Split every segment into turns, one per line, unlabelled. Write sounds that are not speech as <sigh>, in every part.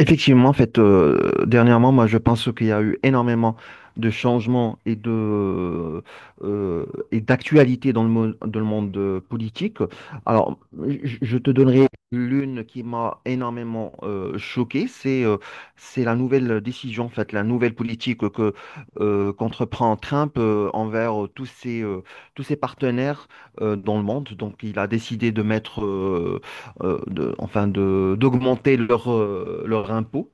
Effectivement, en fait, dernièrement, moi, je pense qu'il y a eu énormément de changements euh, et d'actualités dans dans le monde politique. Alors, je te donnerai l'une qui m'a énormément choqué, c'est la nouvelle décision, en fait, la nouvelle politique que qu'entreprend Trump envers tous ses partenaires dans le monde. Donc, il a décidé de mettre enfin, d'augmenter leur impôt.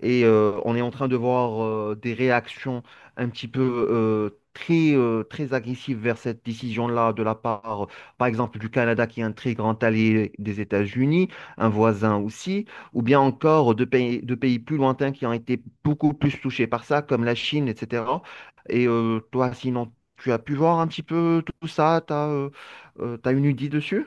Et on est en train de voir des réactions un petit peu très agressives vers cette décision-là de la part, par exemple, du Canada qui est un très grand allié des États-Unis, un voisin aussi, ou bien encore de pays plus lointains qui ont été beaucoup plus touchés par ça, comme la Chine, etc. Et toi, sinon, tu as pu voir un petit peu tout ça, tu as, une idée dessus?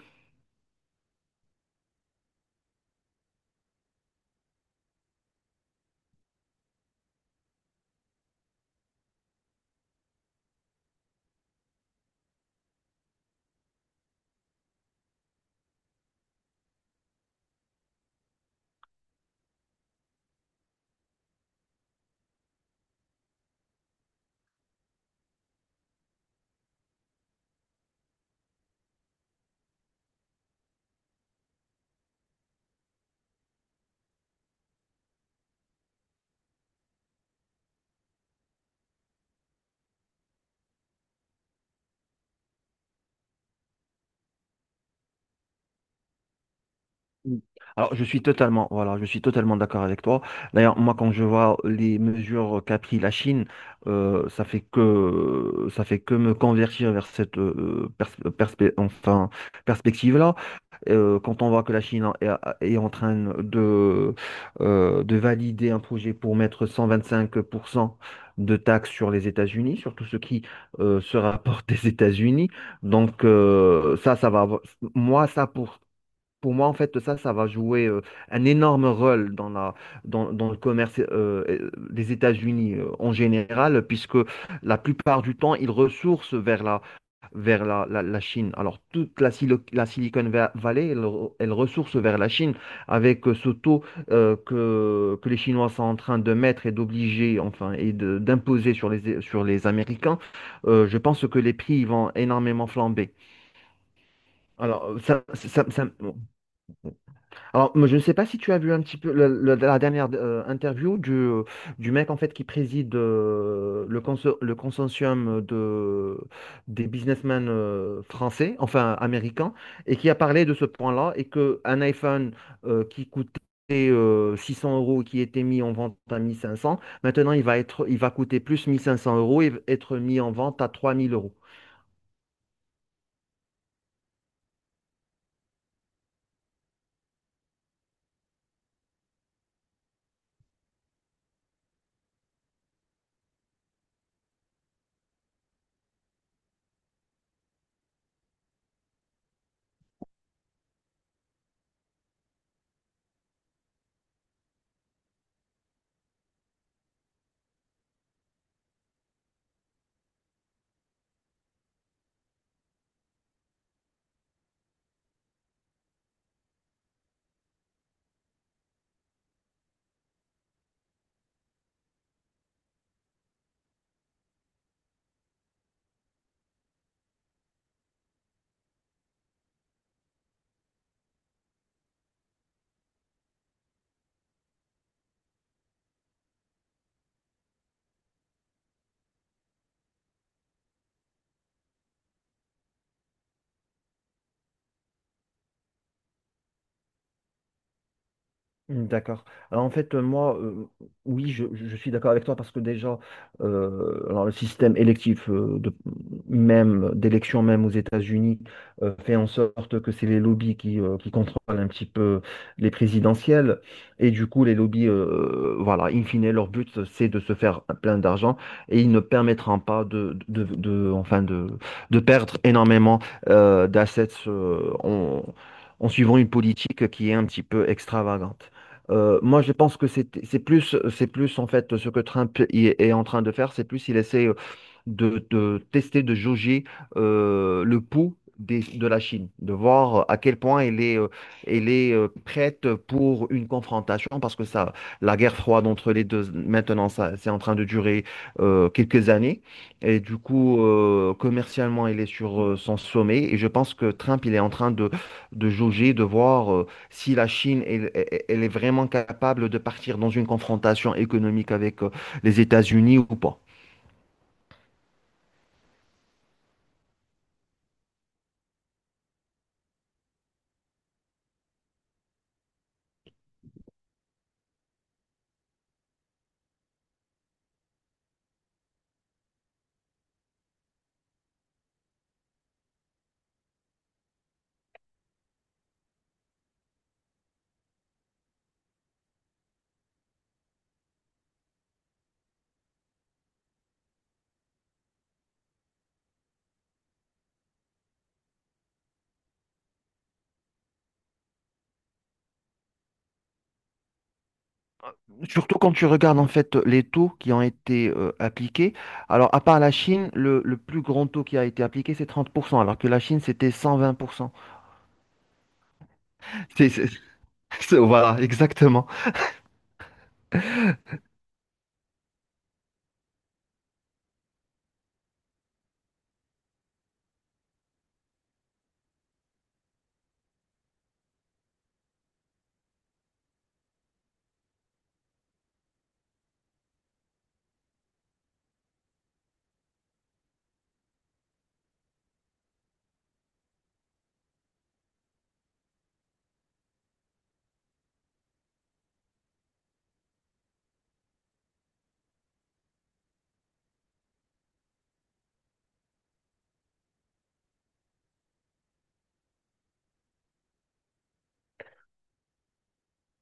Mm. Alors, je suis totalement, voilà, je suis totalement d'accord avec toi. D'ailleurs, moi, quand je vois les mesures qu'a pris la Chine, ça fait que me convertir vers cette enfin, perspective-là. Quand on voit que la Chine est en train de, de valider un projet pour mettre 125% de taxes sur les États-Unis, sur tout ce qui se rapporte <laughs> des États-Unis. Donc, ça, ça va avoir- moi, ça, pour moi, en fait, ça va jouer un énorme rôle dans le commerce des États-Unis en général, puisque la plupart du temps, ils ressourcent vers la Chine. Alors, toute la Silicon Valley, elle ressource vers la Chine avec ce taux que les Chinois sont en train de mettre et d'obliger, enfin, et d'imposer sur les Américains. Je pense que les prix ils vont énormément flamber. Alors, alors, moi, je ne sais pas si tu as vu un petit peu la dernière interview du mec en fait qui préside le consortium des businessmen français, enfin américains, et qui a parlé de ce point-là et que un iPhone qui coûtait 600 euros, qui était mis en vente à 1500, maintenant il va être, il va coûter plus 1500 euros et être mis en vente à 3000 euros. Mm, d'accord. Alors en fait, moi, oui, je suis d'accord avec toi parce que déjà, alors le système électif même d'élection même aux États-Unis fait en sorte que c'est les lobbies qui contrôlent un petit peu les présidentielles et du coup les lobbies, voilà, in fine, leur but c'est de se faire plein d'argent et ils ne permettront pas enfin, de perdre énormément d'assets en suivant une politique qui est un petit peu extravagante. Moi, je pense que c'est plus en fait ce que Trump y est en train de faire, c'est plus il essaie de tester, de jauger le pouls de la Chine, de voir à quel point elle est prête pour une confrontation, parce que ça, la guerre froide entre les deux, maintenant, ça, c'est en train de durer quelques années. Et du coup, commercialement, elle est sur son sommet. Et je pense que Trump, il est en train de jauger, de voir si la Chine, elle est vraiment capable de partir dans une confrontation économique avec les États-Unis ou pas. Surtout quand tu regardes en fait les taux qui ont été appliqués. Alors, à part la Chine, le plus grand taux qui a été appliqué, c'est 30%, alors que la Chine, c'était 120%. C'est, c'est- <laughs> voilà, exactement.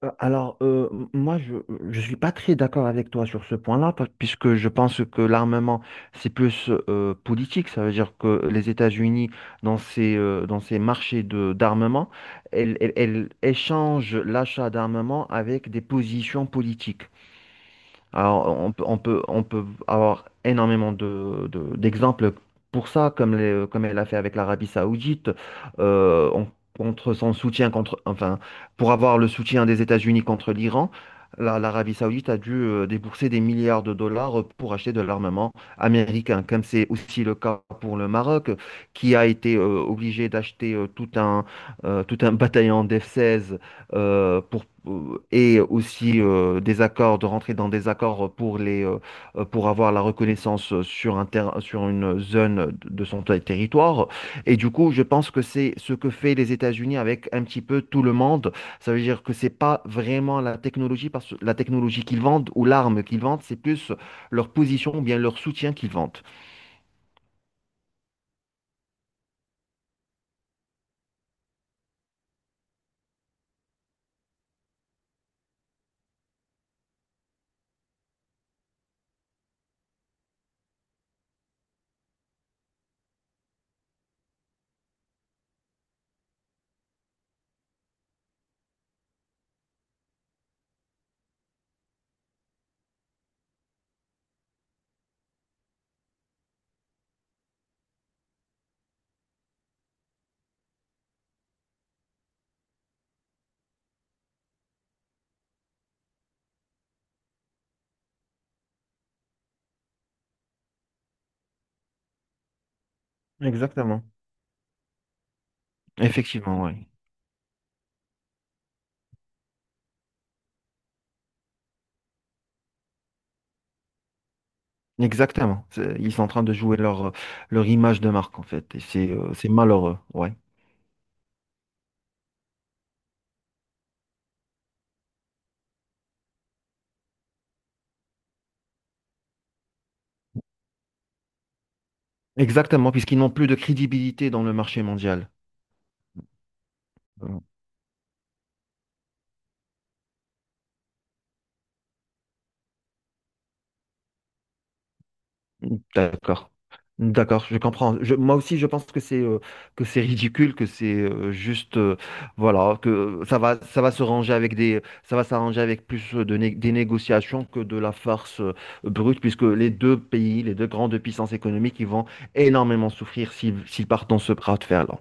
Alors, moi, je ne suis pas très d'accord avec toi sur ce point-là, puisque je pense que l'armement, c'est plus politique. Ça veut dire que les États-Unis, dans ces marchés d'armement, elles échangent l'achat d'armement avec des positions politiques. Alors, on peut avoir énormément d'exemples pour ça, comme elle a fait avec l'Arabie Saoudite, euh, on- contre son soutien, contre, enfin, pour avoir le soutien des États-Unis contre l'Iran, l'Arabie Saoudite a dû débourser des milliards de dollars pour acheter de l'armement américain, comme c'est aussi le cas pour le Maroc, qui a été obligé d'acheter tout un bataillon d'F-16 et aussi des accords, de rentrer dans des accords pour avoir la reconnaissance sur une zone de son territoire. Et du coup, je pense que c'est ce que fait les États-Unis avec un petit peu tout le monde. Ça veut dire que c'est pas vraiment la technologie, parce que la technologie qu'ils vendent ou l'arme qu'ils vendent, c'est plus leur position ou bien leur soutien qu'ils vendent. Exactement. Effectivement, oui. Exactement. Ils sont en train de jouer leur image de marque, en fait. Et c'est malheureux, ouais. Exactement, puisqu'ils n'ont plus de crédibilité dans le marché mondial. Euh, D'accord. D'accord, je comprends. Moi aussi, je pense que c'est ridicule, que c'est juste, voilà, que ça va s'arranger avec plus des négociations que de la farce brute, puisque les deux pays, les deux grandes puissances économiques, ils vont énormément souffrir s'ils partent dans ce bras de fer-là.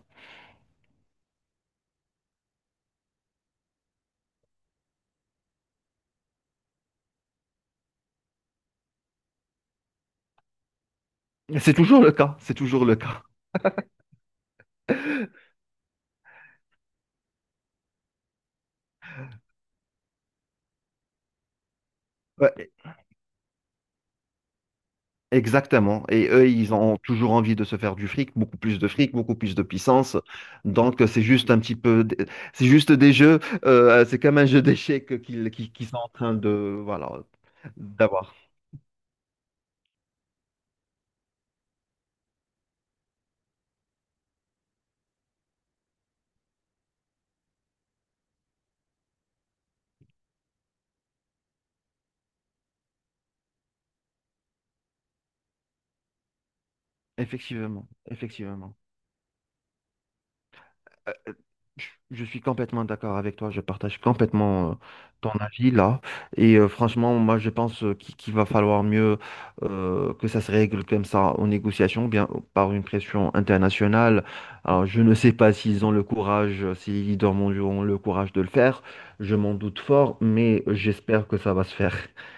C'est toujours le cas, c'est toujours le cas. Ouais, exactement. Et eux, ils ont toujours envie de se faire du fric, beaucoup plus de fric, beaucoup plus de puissance. Donc, c'est juste un petit peu, c'est juste des jeux, c'est comme un jeu d'échecs qu'ils sont en train voilà, d'avoir. Effectivement, effectivement. Euh, Je suis complètement d'accord avec toi, je partage complètement ton avis là. Et franchement, moi je pense qu'il va falloir mieux que ça se règle comme ça en négociation, bien par une pression internationale. Alors je ne sais pas s'ils ont le courage, si les leaders mondiaux ont le courage de le faire, je m'en doute fort, mais j'espère que ça va se faire. <laughs>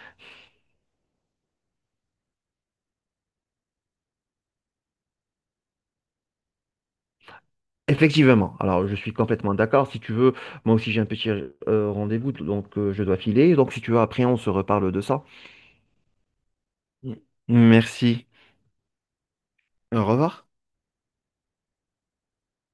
Effectivement, alors je suis complètement d'accord. Si tu veux, moi aussi j'ai un petit rendez-vous, donc je dois filer. Donc si tu veux, après on se reparle de ça. Mm. Merci. Au revoir.